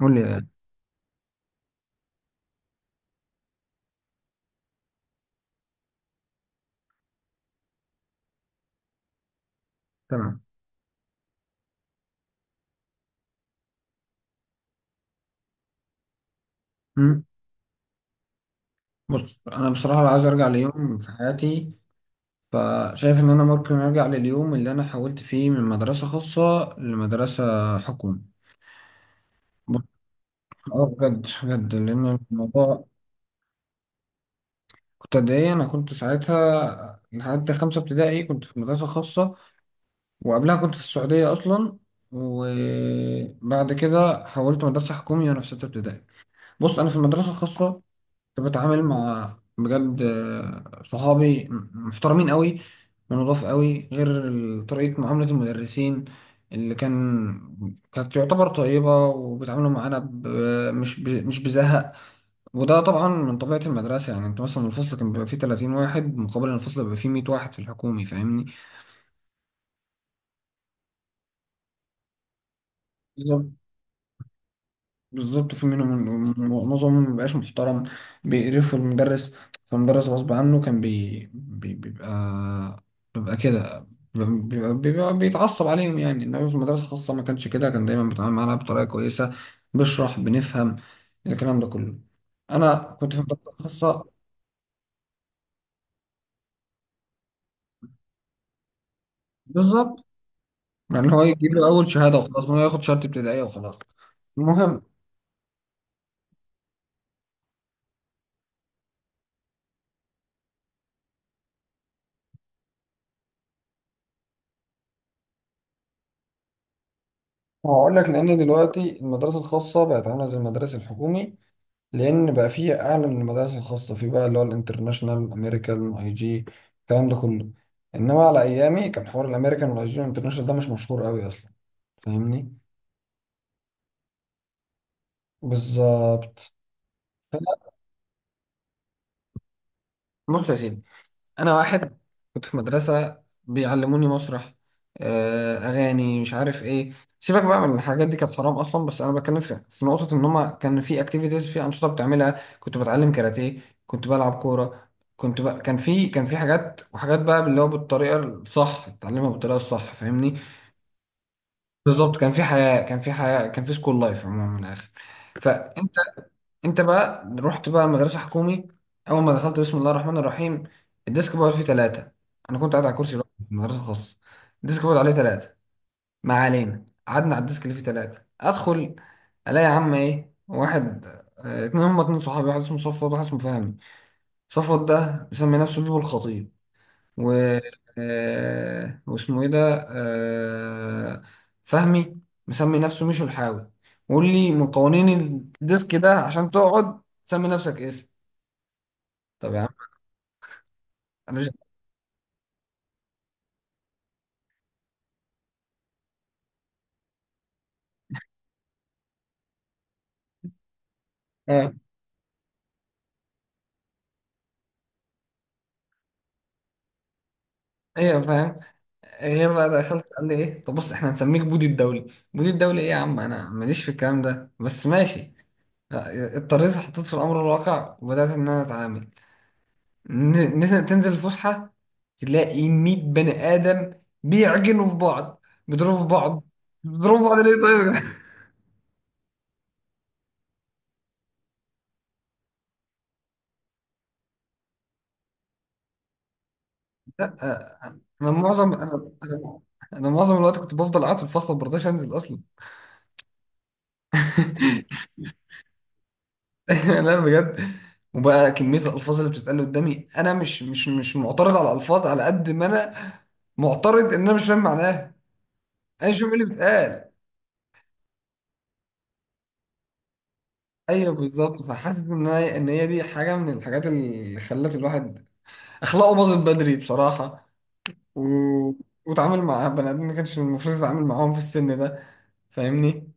قول لي ده. تمام. مم. بص، انا بصراحه لو عايز ارجع ليوم في حياتي فشايف ان انا ممكن ارجع لليوم اللي انا حولت فيه من مدرسه خاصه لمدرسه حكومي. بص، اه بجد بجد لان الموضوع. كنت قد ايه؟ انا كنت ساعتها لحد خمسه ابتدائي كنت في مدرسه خاصه، وقبلها كنت في السعوديه اصلا، وبعد كده حولت مدرسه حكومي وانا في سته ابتدائي. بص، انا في المدرسه الخاصه بتعامل مع بجد صحابي محترمين قوي، ونضاف قوي، غير طريقة معاملة المدرسين اللي كانت تعتبر طيبة، وبيتعاملوا معانا مش بزهق. وده طبعا من طبيعة المدرسة، يعني انت مثلا الفصل كان بيبقى فيه 30 واحد، مقابل إن الفصل بيبقى فيه 100 واحد في الحكومي، فاهمني؟ بالظبط. في منهم، معظمهم مبيبقاش محترم، بيقرفوا المدرس، فالمدرس غصب عنه كان بيبقى، بيبقى كده، بيبقى بيتعصب عليهم، يعني. انما في المدرسة الخاصة ما كانش كده، كان دايما بيتعامل معانا بطريقة كويسة، بشرح، بنفهم الكلام ده كله. انا كنت في المدرسة الخاصة بالظبط. يعني هو يجيب له اول شهادة وخلاص، هو ياخد شهادة ابتدائية وخلاص. المهم، هقول لك لان دلوقتي المدارس الخاصة بقت عاملة زي المدارس الحكومي، لان بقى فيه اعلى من المدارس الخاصه، في بقى اللي هو الانترناشونال، امريكان، اي جي، الكلام ده كله. انما على ايامي كان حوار الامريكان والاي جي والانترناشونال ده مش مشهور قوي اصلا، فاهمني؟ بالظبط. بص يا سيدي، انا واحد كنت في مدرسه بيعلموني مسرح، اغاني، مش عارف ايه. سيبك بقى من الحاجات دي، كانت حرام اصلا، بس انا بتكلم في نقطه ان هما كان في اكتيفيتيز، في انشطه بتعملها، كنت بتعلم كاراتيه، كنت بلعب كوره، كنت بقى كان في حاجات وحاجات بقى اللي هو بالطريقه الصح، اتعلمها بالطريقه الصح، فاهمني؟ بالظبط. كان في حياه، كان في حياه، كان في سكول لايف، عموما من الاخر. فانت انت بقى رحت بقى مدرسة حكومي، اول ما دخلت بسم الله الرحمن الرحيم الديسك بورد فيه ثلاثة. انا كنت قاعد على كرسي لوحدي في مدرسة خاصة، الديسك بورد عليه ثلاثة. ما علينا، قعدنا على الديسك اللي فيه ثلاثة. ادخل الاقي يا عم ايه؟ واحد اتنين، هما اتنين صحابي، واحد اسمه صفوت واحد اسمه فهمي. صفوت ده مسمي نفسه بيبو الخطيب، و آه، واسمه ايه ده آه، فهمي مسمي نفسه مشو الحاوي. وقول لي من قوانين الديسك ده عشان تقعد سمي نفسك اسم. طب يا عم انا مش. اه ايوه فاهم. غير بقى، دخلت قال لي ايه؟ طب بص احنا هنسميك بودي الدولي. بودي الدولي ايه يا عم؟ انا ماليش في الكلام ده، بس ماشي. اضطريت، حطيت في الامر الواقع، وبدات ان انا اتعامل. تنزل الفسحة، تلاقي 100 بني آدم بيعجنوا في بعض، بيضربوا في بعض. بيضربوا بعض ليه طيب؟ لا، أنا أنا معظم الوقت كنت بفضل قاعد في الفصل، ما برضاش أنزل أصلا. لا بجد. وبقى كمية الألفاظ اللي بتتقال قدامي، أنا مش معترض على الألفاظ على قد ما أنا معترض إن أنا مش فاهم معناها. أنا مش فاهم إيه اللي بيتقال. أيوه بالظبط، فحاسس إن هي دي حاجة من الحاجات اللي خلت الواحد اخلاقه باظت بدري بصراحه، و... واتعامل مع بني ادمين ما كانش المفروض يتعامل معاهم في السن ده، فاهمني؟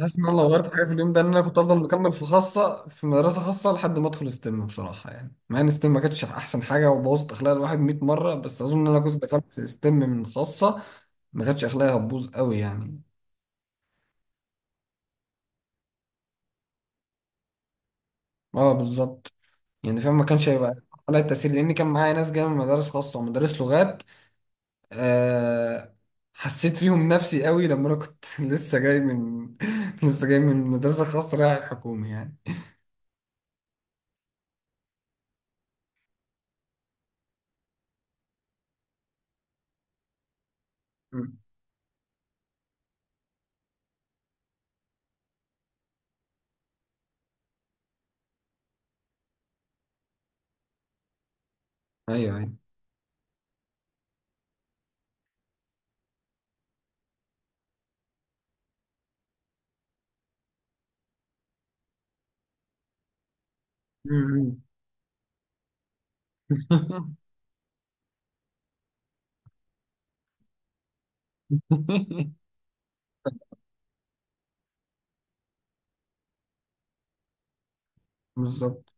حاسس ان انا لو غيرت حاجه في اليوم ده ان انا كنت افضل مكمل في مدرسه خاصه لحد ما ادخل ستيم بصراحه، يعني مع ان ستيم ما كانتش احسن حاجه وبوظت اخلاق الواحد 100 مره، بس اظن ان انا كنت دخلت ستيم من خاصه ما كانتش اخلاقي هتبوظ قوي يعني. اه بالظبط، يعني فاهم ما كانش هيبقى عليا التاثير، لان كان معايا ناس جايه من مدارس خاصه ومدارس لغات. آه، حسيت فيهم نفسي قوي لما انا كنت لسه جاي من لسه جاي من مدرسة خاصة رايح الحكومي يعني. مم. ايوه ايوه. مم. بالظبط.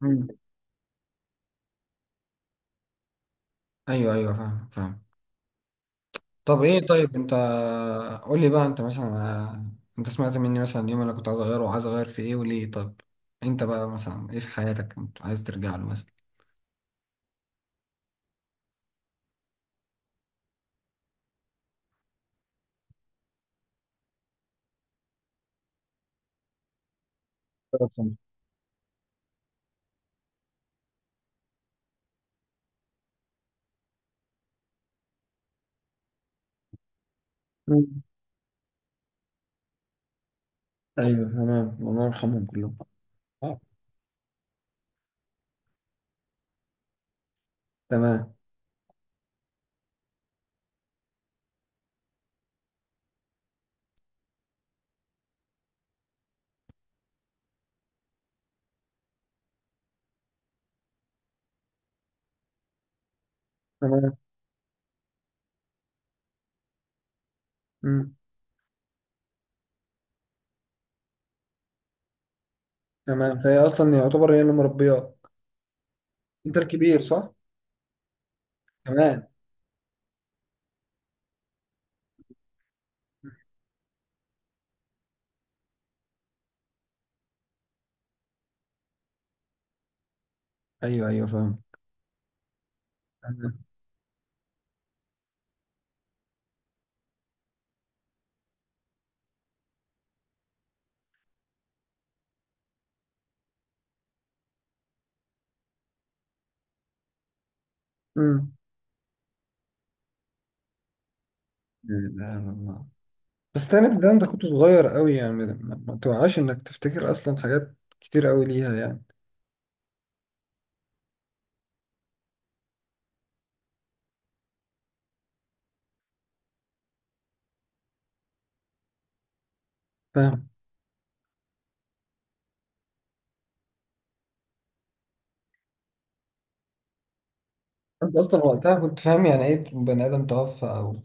مم. ايوه ايوه فاهم فاهم. طب ايه طيب انت، قول لي بقى انت مثلا، انت سمعت مني مثلا اليوم انا كنت عايز اغيره وعايز اغير في ايه وليه. طب انت بقى مثلا ايه في حياتك انت عايز ترجع له مثلا؟ رقم. مم. ايوه تمام، الله يرحمهم كلهم. آه. تمام. تمام. مم. تمام، فهي اصلا يعتبر هي اللي مربياك. انت الكبير صح؟ كمان. ايوه ايوه فاهم. تمام. امم. لا إله إلا الله. بس تاني ده، انت كنت صغير قوي يعني، ما ما توعاش انك تفتكر اصلا حاجات كتير قوي ليها يعني. فاهم. انت اصلا وقتها كنت فاهم يعني ايه بني ادم توفى؟ او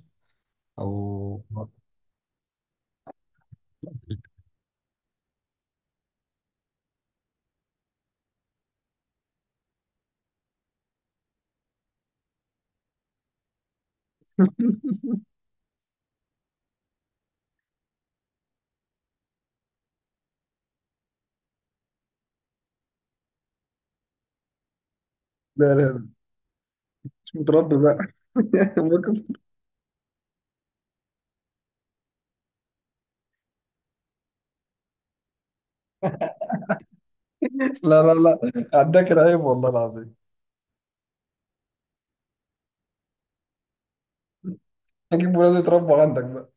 او. لا لا لا، مش متربي بقى. لا لا لا، عداك العيب والله العظيم. هجيب ولاد يتربوا عندك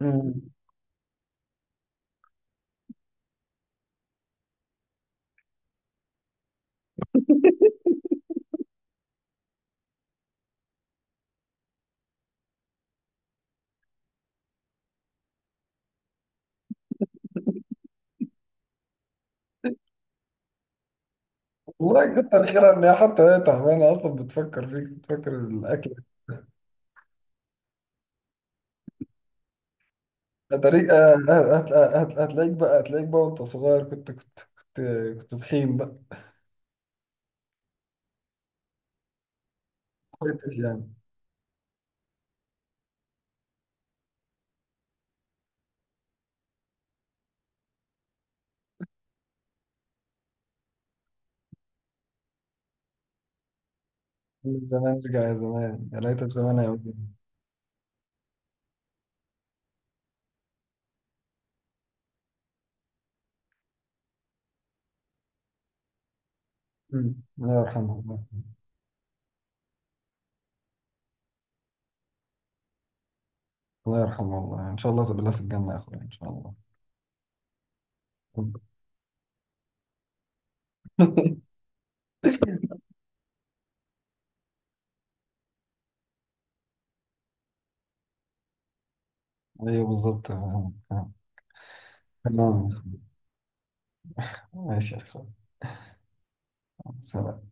بقى. والله كتر خيرها ان هي حتى هي تعبانه اصلا بتفكر فيك، بتفكر الاكل. هتلاقيك هتلاقيك بقى، وانت صغير. كنت كنت تخين بقى. ما كنتش يعني. من زمان رجع يا زمان، يا ليتك زمان يا ولد. أمم. الله يرحمه الله. الله يرحمه الله، ان شاء الله تقابلها في الجنه يا اخويا، ان شاء الله. ايوه بالظبط، تمام. تمام ماشي يا اخويا. سلام.